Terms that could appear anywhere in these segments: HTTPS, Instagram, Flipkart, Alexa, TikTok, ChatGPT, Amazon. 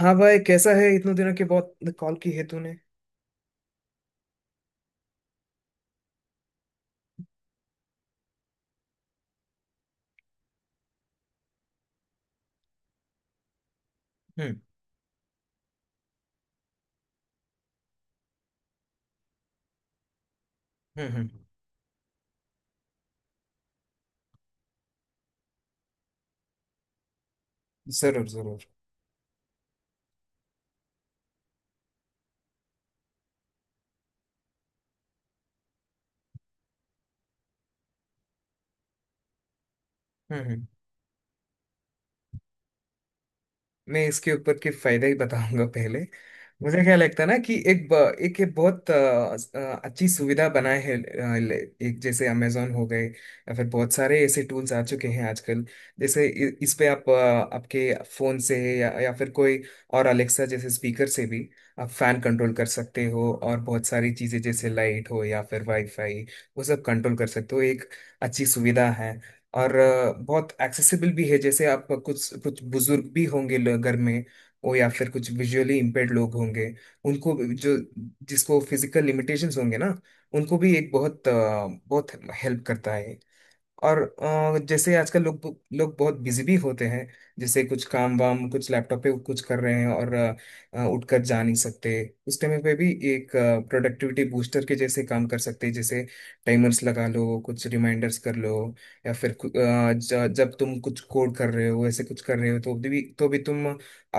हाँ भाई, कैसा है? इतने दिनों के बाद कॉल की है तूने। हम्म, हम्म, हम्म। जरूर, जरूर। हम्म। मैं इसके ऊपर के फायदे ही बताऊंगा पहले। मुझे क्या लगता है ना कि एक ये बहुत अच्छी सुविधा बनाए है एक जैसे अमेजोन हो गए या फिर बहुत सारे ऐसे टूल्स आ चुके हैं आजकल। जैसे इस पे आपके फोन से या फिर कोई और अलेक्सा जैसे स्पीकर से भी आप फैन कंट्रोल कर सकते हो, और बहुत सारी चीजें जैसे लाइट हो या फिर वाईफाई वो सब कंट्रोल कर सकते हो। एक अच्छी सुविधा है। और बहुत एक्सेसिबल भी है। जैसे आप कुछ कुछ बुजुर्ग भी होंगे घर में, वो या फिर कुछ विजुअली इम्पेयर्ड लोग होंगे, जो जिसको फिजिकल लिमिटेशंस होंगे ना उनको भी एक बहुत हेल्प करता है। और जैसे आजकल लोग लोग बहुत बिजी भी होते हैं। जैसे कुछ काम वाम कुछ लैपटॉप पे कुछ कर रहे हैं और उठकर जा नहीं सकते। उस टाइम पे भी एक प्रोडक्टिविटी बूस्टर के जैसे काम कर सकते हैं, जैसे टाइमर्स लगा लो, कुछ रिमाइंडर्स कर लो। या फिर जब तुम कुछ कोड कर रहे हो ऐसे कुछ कर रहे हो तो भी तुम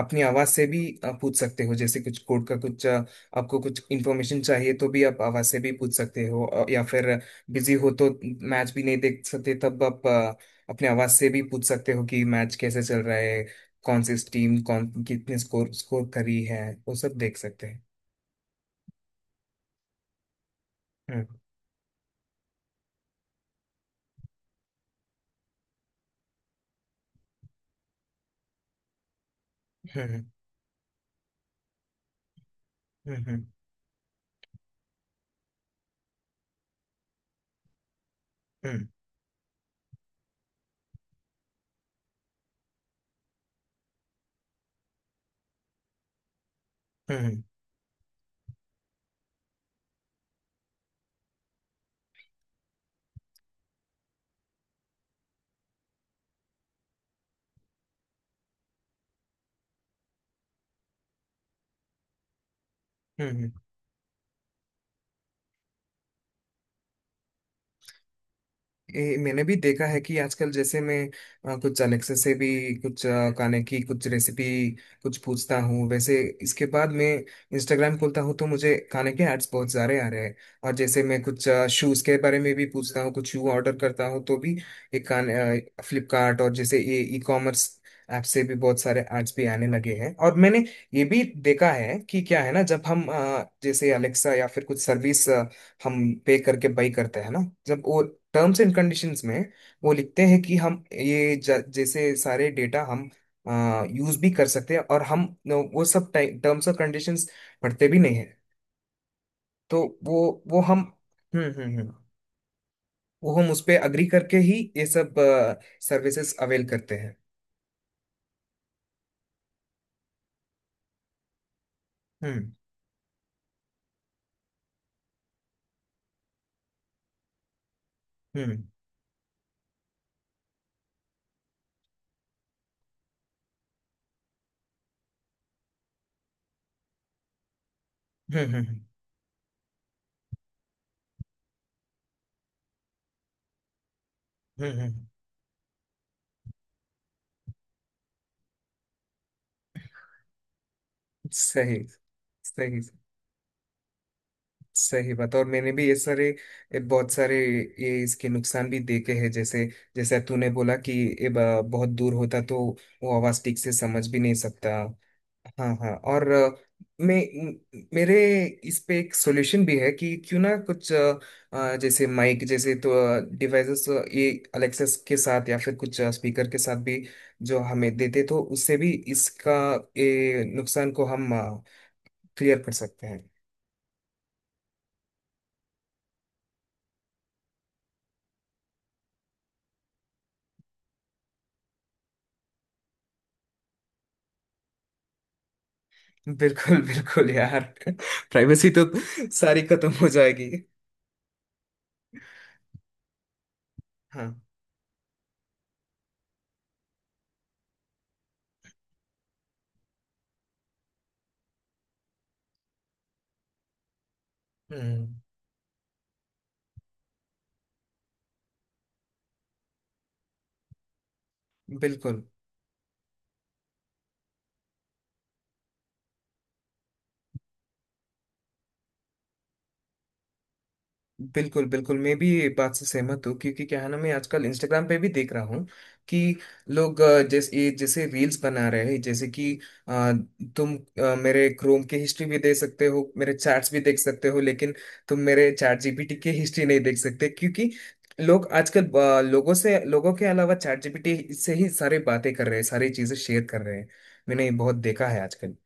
अपनी आवाज़ से भी पूछ सकते हो। जैसे कुछ कोड का कुछ, आपको कुछ इन्फॉर्मेशन चाहिए तो भी आप आवाज़ से भी पूछ सकते हो। या फिर बिजी हो तो मैच भी नहीं देख सकते, तब आप अपने आवाज से भी पूछ सकते हो कि मैच कैसे चल रहा है, कौन सी टीम कौन कितने स्कोर स्कोर करी है, वो सब देख सकते हैं। हम्म, हम्म, हम्म, हम्म, हम्म, हम्म, हम्म, हम्म, हम्म। ये मैंने भी देखा है कि आजकल जैसे मैं कुछ अलेक्सा से भी कुछ खाने की कुछ रेसिपी कुछ पूछता हूँ। वैसे इसके बाद मैं इंस्टाग्राम खोलता हूँ तो मुझे खाने के एड्स बहुत सारे आ रहे हैं। और जैसे मैं कुछ शूज़ के बारे में भी पूछता हूँ, कुछ शू ऑर्डर करता हूँ, तो भी ये खाने फ्लिपकार्ट और जैसे ये ई कॉमर्स ऐप से भी बहुत सारे एड्स भी आने लगे हैं। और मैंने ये भी देखा है कि क्या है ना, जब हम जैसे अलेक्सा या फिर कुछ सर्विस हम पे करके बाई करते हैं ना, जब वो टर्म्स एंड कंडीशंस में वो लिखते हैं कि हम ये जैसे सारे डेटा हम यूज भी कर सकते हैं, और हम वो सब टर्म्स और कंडीशंस पढ़ते भी नहीं है। तो वो हम, हम्म, हम्म, हम्म, वो हम उस पे अग्री करके ही ये सब सर्विसेज अवेल करते हैं। हम्म, हम्म, हम्म, हम्म, हम्म, सही, सही। सही बात। और मैंने भी ये बहुत सारे ये इसके नुकसान भी देखे हैं। जैसे जैसे तूने बोला कि ये बहुत दूर होता तो वो आवाज ठीक से समझ भी नहीं सकता। हाँ, हाँ। और मैं मेरे इस पे एक सॉल्यूशन भी है कि क्यों ना कुछ जैसे माइक जैसे तो डिवाइसेस ये अलेक्सा के साथ या फिर कुछ स्पीकर के साथ भी जो हमें देते तो उससे भी इसका ये नुकसान को हम क्लियर कर सकते हैं। बिल्कुल, बिल्कुल यार। प्राइवेसी तो सारी खत्म हो जाएगी। हाँ। हम्म। बिल्कुल, बिल्कुल। बिल्कुल मैं भी ये बात से सहमत हूँ, क्योंकि क्या है ना, मैं आजकल इंस्टाग्राम पे भी देख रहा हूँ कि लोग जैसे ये जैसे रील्स बना रहे हैं, जैसे कि अ, तुम मेरे क्रोम की हिस्ट्री भी देख सकते हो, मेरे चैट्स भी देख सकते हो, लेकिन तुम मेरे चैट जीपीटी की हिस्ट्री नहीं देख सकते क्योंकि लोग आजकल लोगों से, लोगों के अलावा चैट जीपीटी से ही सारी बातें कर रहे हैं, सारी चीजें शेयर कर रहे हैं। मैंने ये बहुत देखा है आजकल।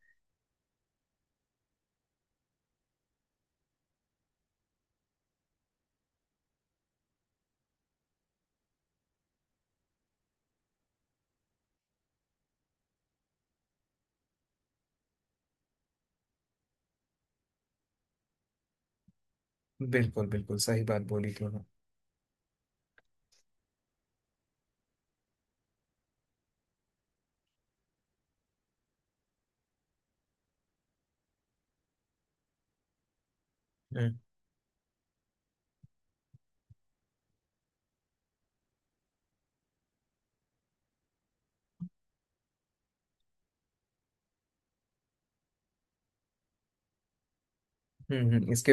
बिल्कुल, बिल्कुल, सही बात बोली तुमने। हम्म, इसके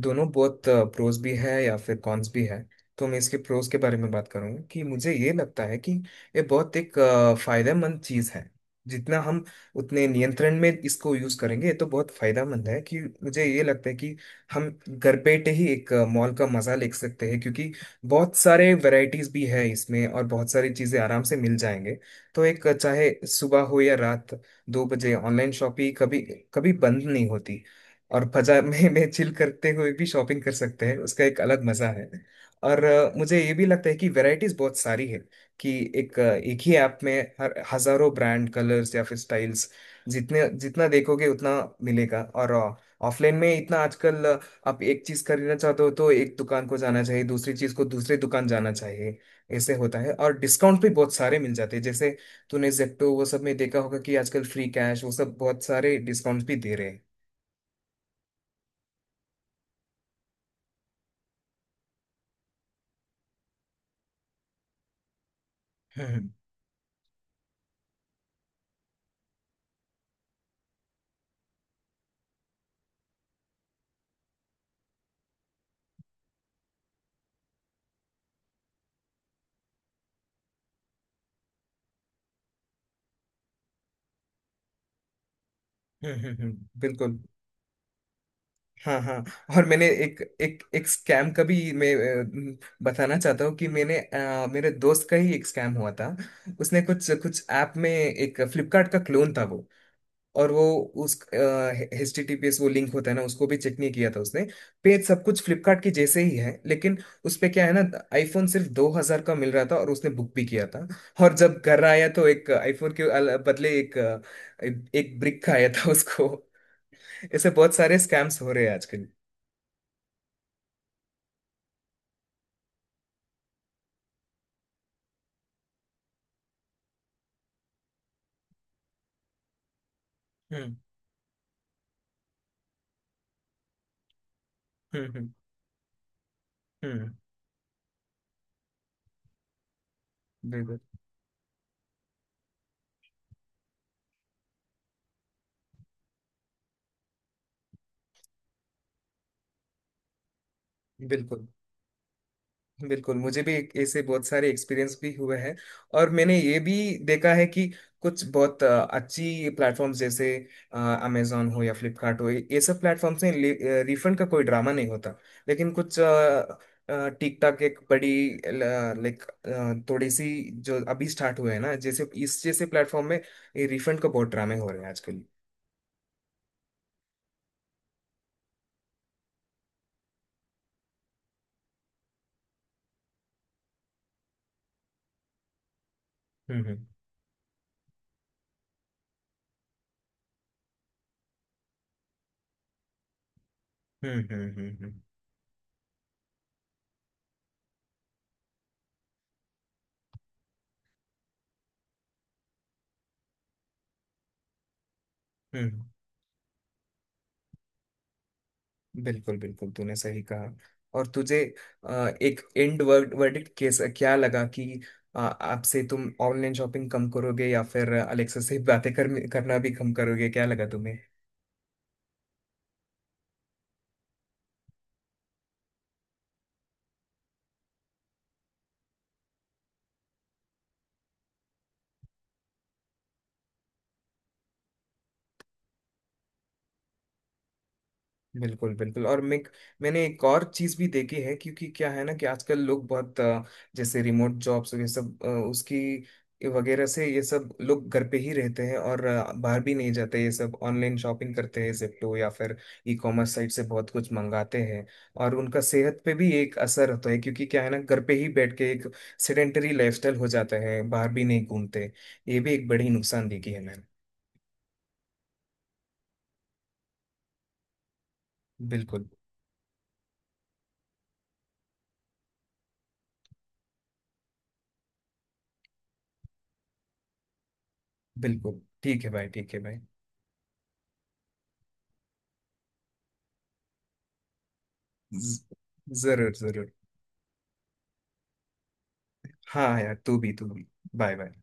दोनों बहुत प्रोज भी है या फिर कॉन्स भी है। तो मैं इसके प्रोज के बारे में बात करूंगा कि मुझे ये लगता है कि ये बहुत फायदेमंद चीज है। जितना हम उतने नियंत्रण में इसको यूज करेंगे, ये तो बहुत फायदेमंद है कि मुझे ये लगता है कि हम घर बैठे ही एक मॉल का मजा ले सकते हैं, क्योंकि बहुत सारे वैरायटीज भी है इसमें और बहुत सारी चीजें आराम से मिल जाएंगे। तो चाहे सुबह हो या रात 2 बजे, ऑनलाइन शॉपिंग कभी कभी बंद नहीं होती। और बाजार में चिल करते हुए भी शॉपिंग कर सकते हैं, उसका एक अलग मजा है। और मुझे ये भी लगता है कि वैरायटीज बहुत सारी है कि एक ही ऐप में हर हजारों ब्रांड कलर्स या फिर स्टाइल्स जितने जितना देखोगे उतना मिलेगा। और ऑफलाइन में इतना आजकल आप एक चीज खरीदना चाहते हो तो एक दुकान को जाना चाहिए, दूसरी चीज को दूसरे दुकान जाना चाहिए, ऐसे होता है। और डिस्काउंट भी बहुत सारे मिल जाते हैं। जैसे तूने जेप्टो वो सब में देखा होगा कि आजकल फ्री कैश वो सब बहुत सारे डिस्काउंट्स भी दे रहे हैं। हम्म, हम्म, बिल्कुल। हाँ, हाँ। और मैंने एक एक एक स्कैम का भी मैं बताना चाहता हूँ कि मैंने मेरे दोस्त का ही एक स्कैम हुआ था। उसने कुछ कुछ ऐप में एक फ्लिपकार्ट का क्लोन था वो। और वो उस HTTPS वो लिंक होता है ना, उसको भी चेक नहीं किया था उसने। पेज सब कुछ फ्लिपकार्ट के जैसे ही है, लेकिन उस पे क्या है ना, आईफोन सिर्फ 2 हजार का मिल रहा था और उसने बुक भी किया था। और जब घर आया तो एक आईफोन के बदले एक ब्रिक का आया था उसको। ऐसे बहुत सारे स्कैम्स हो रहे हैं आजकल। हम्म, हम्म, हम्म, हम्म, बिल्कुल, बिल्कुल, बिल्कुल। मुझे भी ऐसे बहुत सारे एक्सपीरियंस भी हुए हैं। और मैंने ये भी देखा है कि कुछ बहुत अच्छी प्लेटफॉर्म्स जैसे अमेजोन हो या फ्लिपकार्ट हो ये सब प्लेटफॉर्म्स में रिफंड का कोई ड्रामा नहीं होता। लेकिन कुछ टिकटॉक एक बड़ी लाइक थोड़ी सी जो अभी स्टार्ट हुए हैं ना, जैसे इस जैसे प्लेटफॉर्म में रिफंड का बहुत ड्रामे हो रहे हैं आजकल। हम्म, हम्म, हम्म, हम्म, हम्म, हम्म। बिल्कुल, बिल्कुल तूने सही कहा। और तुझे एक एंड वर्ड वर्डिक्ट केस क्या लगा कि आपसे तुम ऑनलाइन शॉपिंग कम करोगे या फिर अलेक्सा से बातें करना भी कम करोगे, क्या लगा तुम्हें? बिल्कुल, बिल्कुल। और मैंने एक और चीज भी देखी है, क्योंकि क्या है ना, कि आजकल लोग बहुत जैसे रिमोट जॉब्स ये सब उसकी वगैरह से ये सब लोग घर पे ही रहते हैं और बाहर भी नहीं जाते, ये सब ऑनलाइन शॉपिंग करते हैं जेप्टो या फिर ई कॉमर्स साइट से बहुत कुछ मंगाते हैं। और उनका सेहत पे भी एक असर होता है, क्योंकि क्या है ना, घर पे ही बैठ के एक सेडेंटरी लाइफस्टाइल हो जाता है, बाहर भी नहीं घूमते। ये भी एक बड़ी नुकसान देखी है मैंने। बिल्कुल, बिल्कुल। ठीक है भाई, ठीक है भाई। ज- जरूर, जरूर। हाँ यार, तू भी, तू भी। Bye, bye.